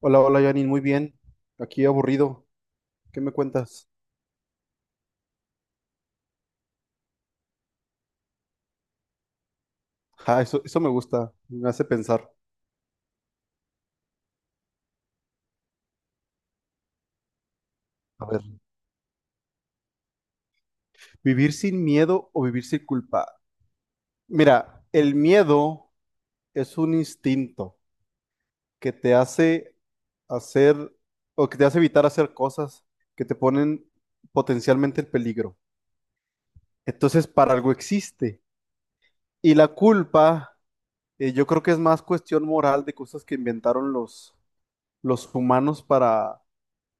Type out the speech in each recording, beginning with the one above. Hola, hola, Janine, muy bien. Aquí aburrido. ¿Qué me cuentas? Ah, eso me gusta, me hace pensar. A ver, ¿vivir sin miedo o vivir sin culpa? Mira, el miedo es un instinto que te hace hacer o que te hace evitar hacer cosas que te ponen potencialmente en peligro. Entonces, para algo existe. Y la culpa, yo creo que es más cuestión moral de cosas que inventaron los humanos para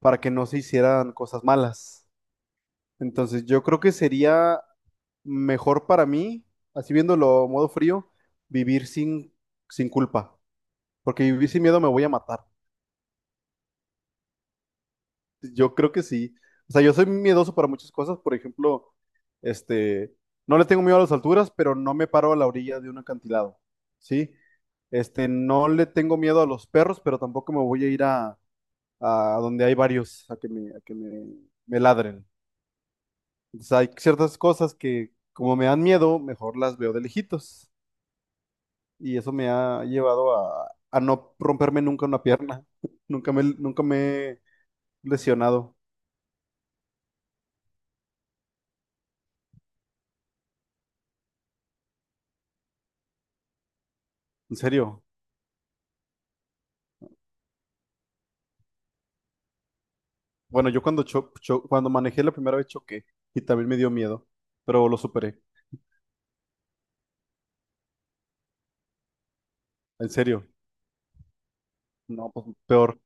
que no se hicieran cosas malas. Entonces, yo creo que sería mejor para mí, así viéndolo a modo frío, vivir sin culpa, porque vivir sin miedo me voy a matar. Yo creo que sí. O sea, yo soy miedoso para muchas cosas, por ejemplo, este, no le tengo miedo a las alturas, pero no me paro a la orilla de un acantilado, ¿sí? No le tengo miedo a los perros, pero tampoco me voy a ir a donde hay varios a que me ladren. Entonces hay ciertas cosas que como me dan miedo, mejor las veo de lejitos. Y eso me ha llevado a no romperme nunca una pierna. Nunca me he lesionado. En serio. Bueno, yo cuando, cho- cho- cuando manejé la primera vez, choqué y también me dio miedo, pero lo superé. En serio. No, pues peor.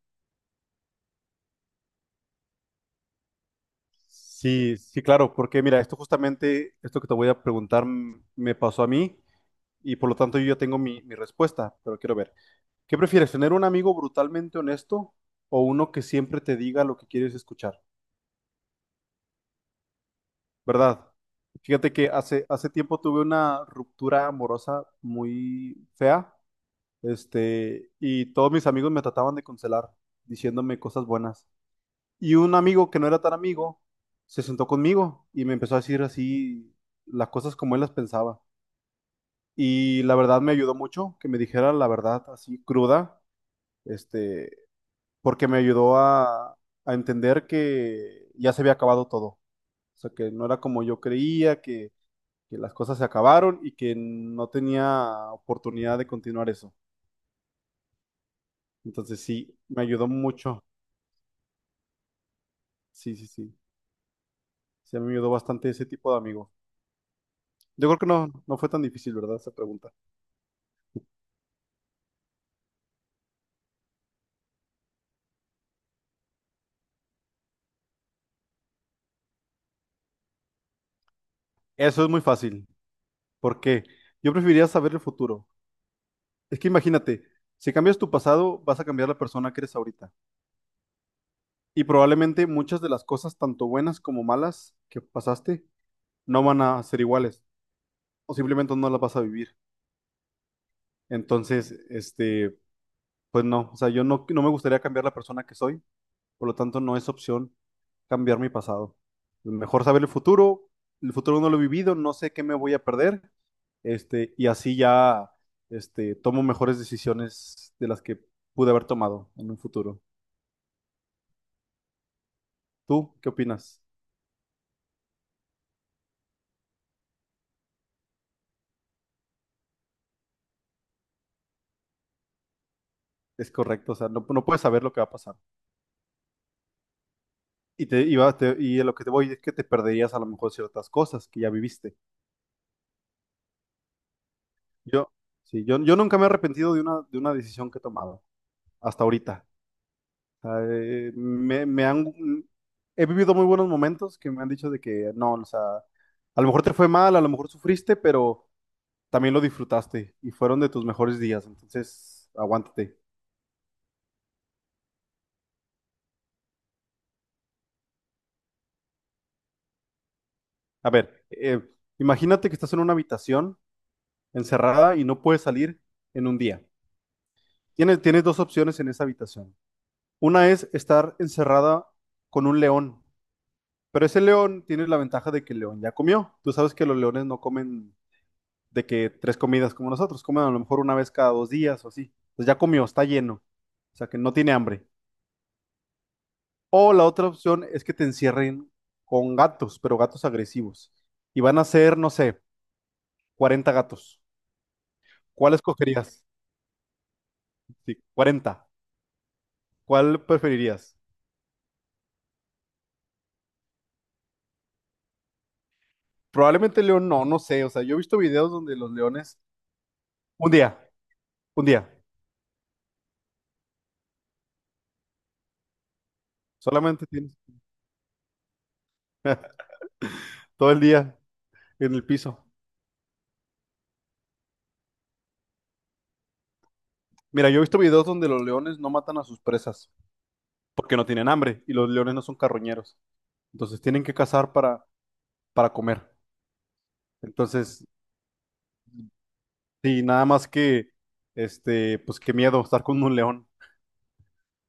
Sí, sí, claro, porque mira, esto justamente, esto que te voy a preguntar, me pasó a mí y por lo tanto yo ya tengo mi respuesta, pero quiero ver. ¿Qué prefieres, tener un amigo brutalmente honesto o uno que siempre te diga lo que quieres escuchar? ¿Verdad? Fíjate que hace tiempo tuve una ruptura amorosa muy fea, y todos mis amigos me trataban de consolar, diciéndome cosas buenas. Y un amigo que no era tan amigo se sentó conmigo y me empezó a decir así las cosas como él las pensaba. Y la verdad me ayudó mucho que me dijera la verdad así cruda. Este, porque me ayudó a entender que ya se había acabado todo. O sea, que no era como yo creía, que las cosas se acabaron y que no tenía oportunidad de continuar eso. Entonces sí, me ayudó mucho. Sí, sí, sí. Sí, me ayudó bastante ese tipo de amigos. Yo creo que no, no fue tan difícil, ¿verdad? Esa pregunta. Eso es muy fácil. ¿Por qué? Yo preferiría saber el futuro. Es que imagínate, si cambias tu pasado, vas a cambiar la persona que eres ahorita. Y probablemente muchas de las cosas, tanto buenas como malas, que pasaste, no van a ser iguales o simplemente no las vas a vivir. Entonces, pues no, o sea, yo no, no me gustaría cambiar la persona que soy, por lo tanto no es opción cambiar mi pasado. Mejor saber el futuro no lo he vivido, no sé qué me voy a perder, y así ya, tomo mejores decisiones de las que pude haber tomado en un futuro. ¿Tú qué opinas? Es correcto, o sea, no, no puedes saber lo que va a pasar. Y, te, y, va- te- y a lo que te voy es que te perderías a lo mejor ciertas cosas que ya viviste. Yo, sí, yo nunca me he arrepentido de una decisión que he tomado hasta ahorita. O sea, he vivido muy buenos momentos que me han dicho de que no, o sea, a lo mejor te fue mal, a lo mejor sufriste, pero también lo disfrutaste y fueron de tus mejores días. Entonces, aguántate. A ver, imagínate que estás en una habitación encerrada y no puedes salir en un día. Tienes dos opciones en esa habitación. Una es estar encerrada con un león. Pero ese león tiene la ventaja de que el león ya comió. Tú sabes que los leones no comen de que tres comidas como nosotros, comen a lo mejor una vez cada 2 días o así. Pues ya comió, está lleno. O sea que no tiene hambre. O la otra opción es que te encierren con gatos, pero gatos agresivos. Y van a ser, no sé, 40 gatos. ¿Cuál escogerías? Sí, 40. ¿Cuál preferirías? Probablemente el león, no, no sé. O sea, yo he visto videos donde los leones, un día, un día, solamente tienes todo el día en el piso. Mira, yo he visto videos donde los leones no matan a sus presas porque no tienen hambre y los leones no son carroñeros. Entonces tienen que cazar para comer. Entonces, sí, nada más que, pues qué miedo estar con un león.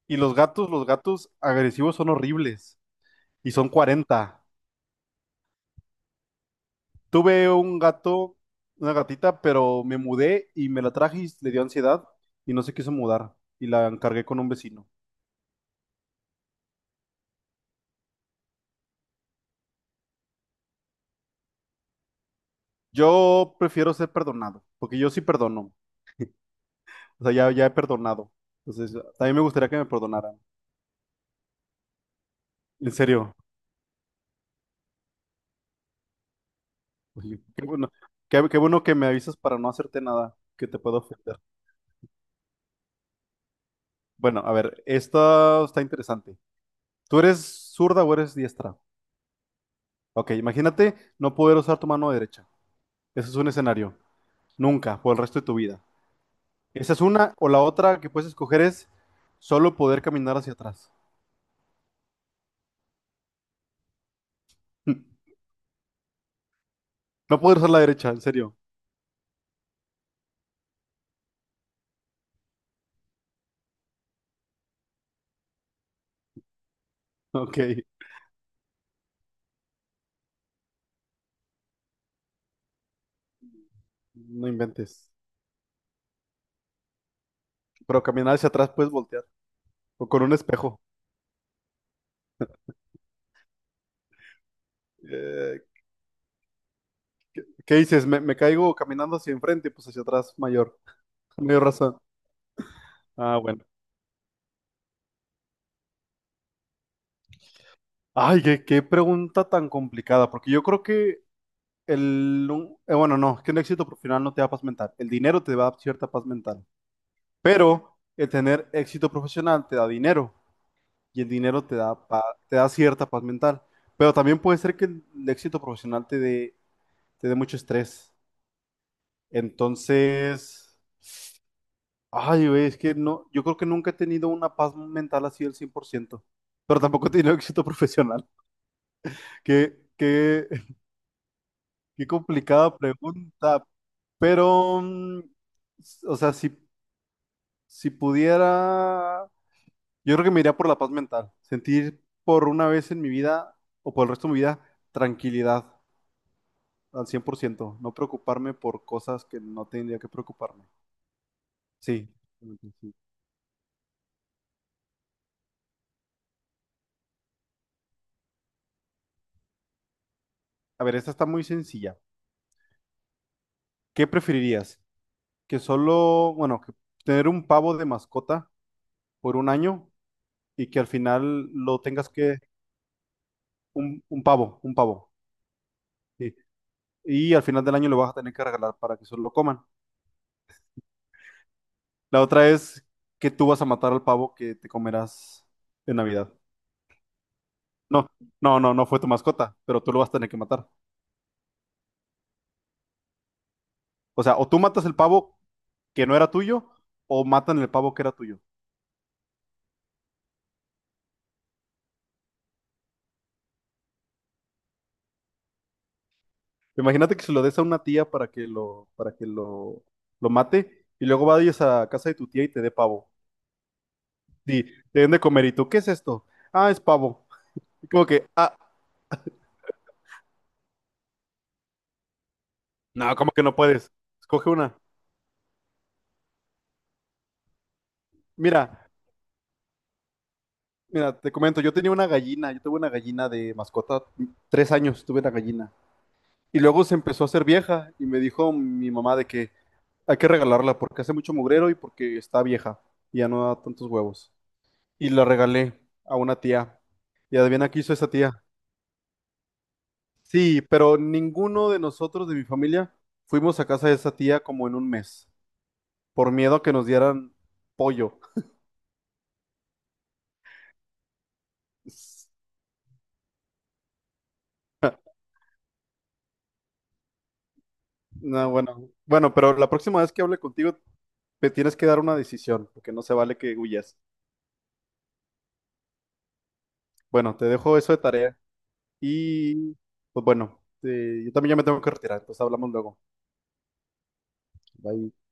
Y los gatos agresivos son horribles y son 40. Tuve un gato, una gatita, pero me mudé y me la traje y le dio ansiedad y no se quiso mudar y la encargué con un vecino. Yo prefiero ser perdonado, porque yo sí perdono. O sea, ya, ya he perdonado. Entonces, también me gustaría que me perdonaran. En serio. Oye, qué bueno. Qué bueno que me avisas para no hacerte nada que te pueda ofender. Bueno, a ver, esto está interesante. ¿Tú eres zurda o eres diestra? Ok, imagínate no poder usar tu mano derecha. Ese es un escenario. Nunca, por el resto de tu vida. Esa es una, o la otra que puedes escoger es solo poder caminar hacia atrás. No poder usar la derecha, en serio. Ok, no inventes. Pero caminar hacia atrás puedes voltear. O con un espejo. Eh, ¿Qué dices? ¿Me, me caigo caminando hacia enfrente? Pues hacia atrás, mayor. Mayor razón. Ah, bueno. Ay, qué pregunta tan complicada, porque yo creo que bueno, no, es que un éxito profesional no te da paz mental. El dinero te da cierta paz mental, pero el tener éxito profesional te da dinero y el dinero te da, te da cierta paz mental. Pero también puede ser que el éxito profesional te dé mucho estrés. Entonces, ay, güey, es que no, yo creo que nunca he tenido una paz mental así del 100%, pero tampoco he tenido éxito profesional. Qué, qué, qué complicada pregunta, pero, o sea, si pudiera, yo creo que me iría por la paz mental, sentir por una vez en mi vida o por el resto de mi vida tranquilidad al 100%. No preocuparme por cosas que no tendría que preocuparme. Sí, sí. A ver, esta está muy sencilla. ¿Qué preferirías? Que solo, bueno, que tener un pavo de mascota por un año y que al final lo tengas que... un pavo, sí. Y al final del año lo vas a tener que regalar para que solo lo coman. La otra es que tú vas a matar al pavo que te comerás en Navidad. No, no, no, no fue tu mascota, pero tú lo vas a tener que matar. O sea, o tú matas el pavo que no era tuyo, o matan el pavo que era tuyo. Imagínate que se lo des a una tía para que lo, mate, y luego vayas a casa de tu tía y te dé pavo. Sí, te den de comer. ¿Y tú qué es esto? Ah, es pavo. Y como que, ah, no, como que no puedes. Escoge una. Mira, mira, te comento, yo tenía una gallina, yo tuve una gallina de mascota, 3 años tuve una gallina. Y luego se empezó a hacer vieja y me dijo mi mamá de que hay que regalarla porque hace mucho mugrero y porque está vieja y ya no da tantos huevos. Y la regalé a una tía. Y adivina qué hizo esa tía. Sí, pero ninguno de nosotros de mi familia fuimos a casa de esa tía como en un mes, por miedo a que nos dieran pollo. No, bueno, bueno, pero la próxima vez que hable contigo te tienes que dar una decisión, porque no se vale que huyas. Bueno, te dejo eso de tarea y pues bueno, yo también ya me tengo que retirar, entonces hablamos luego. Bye.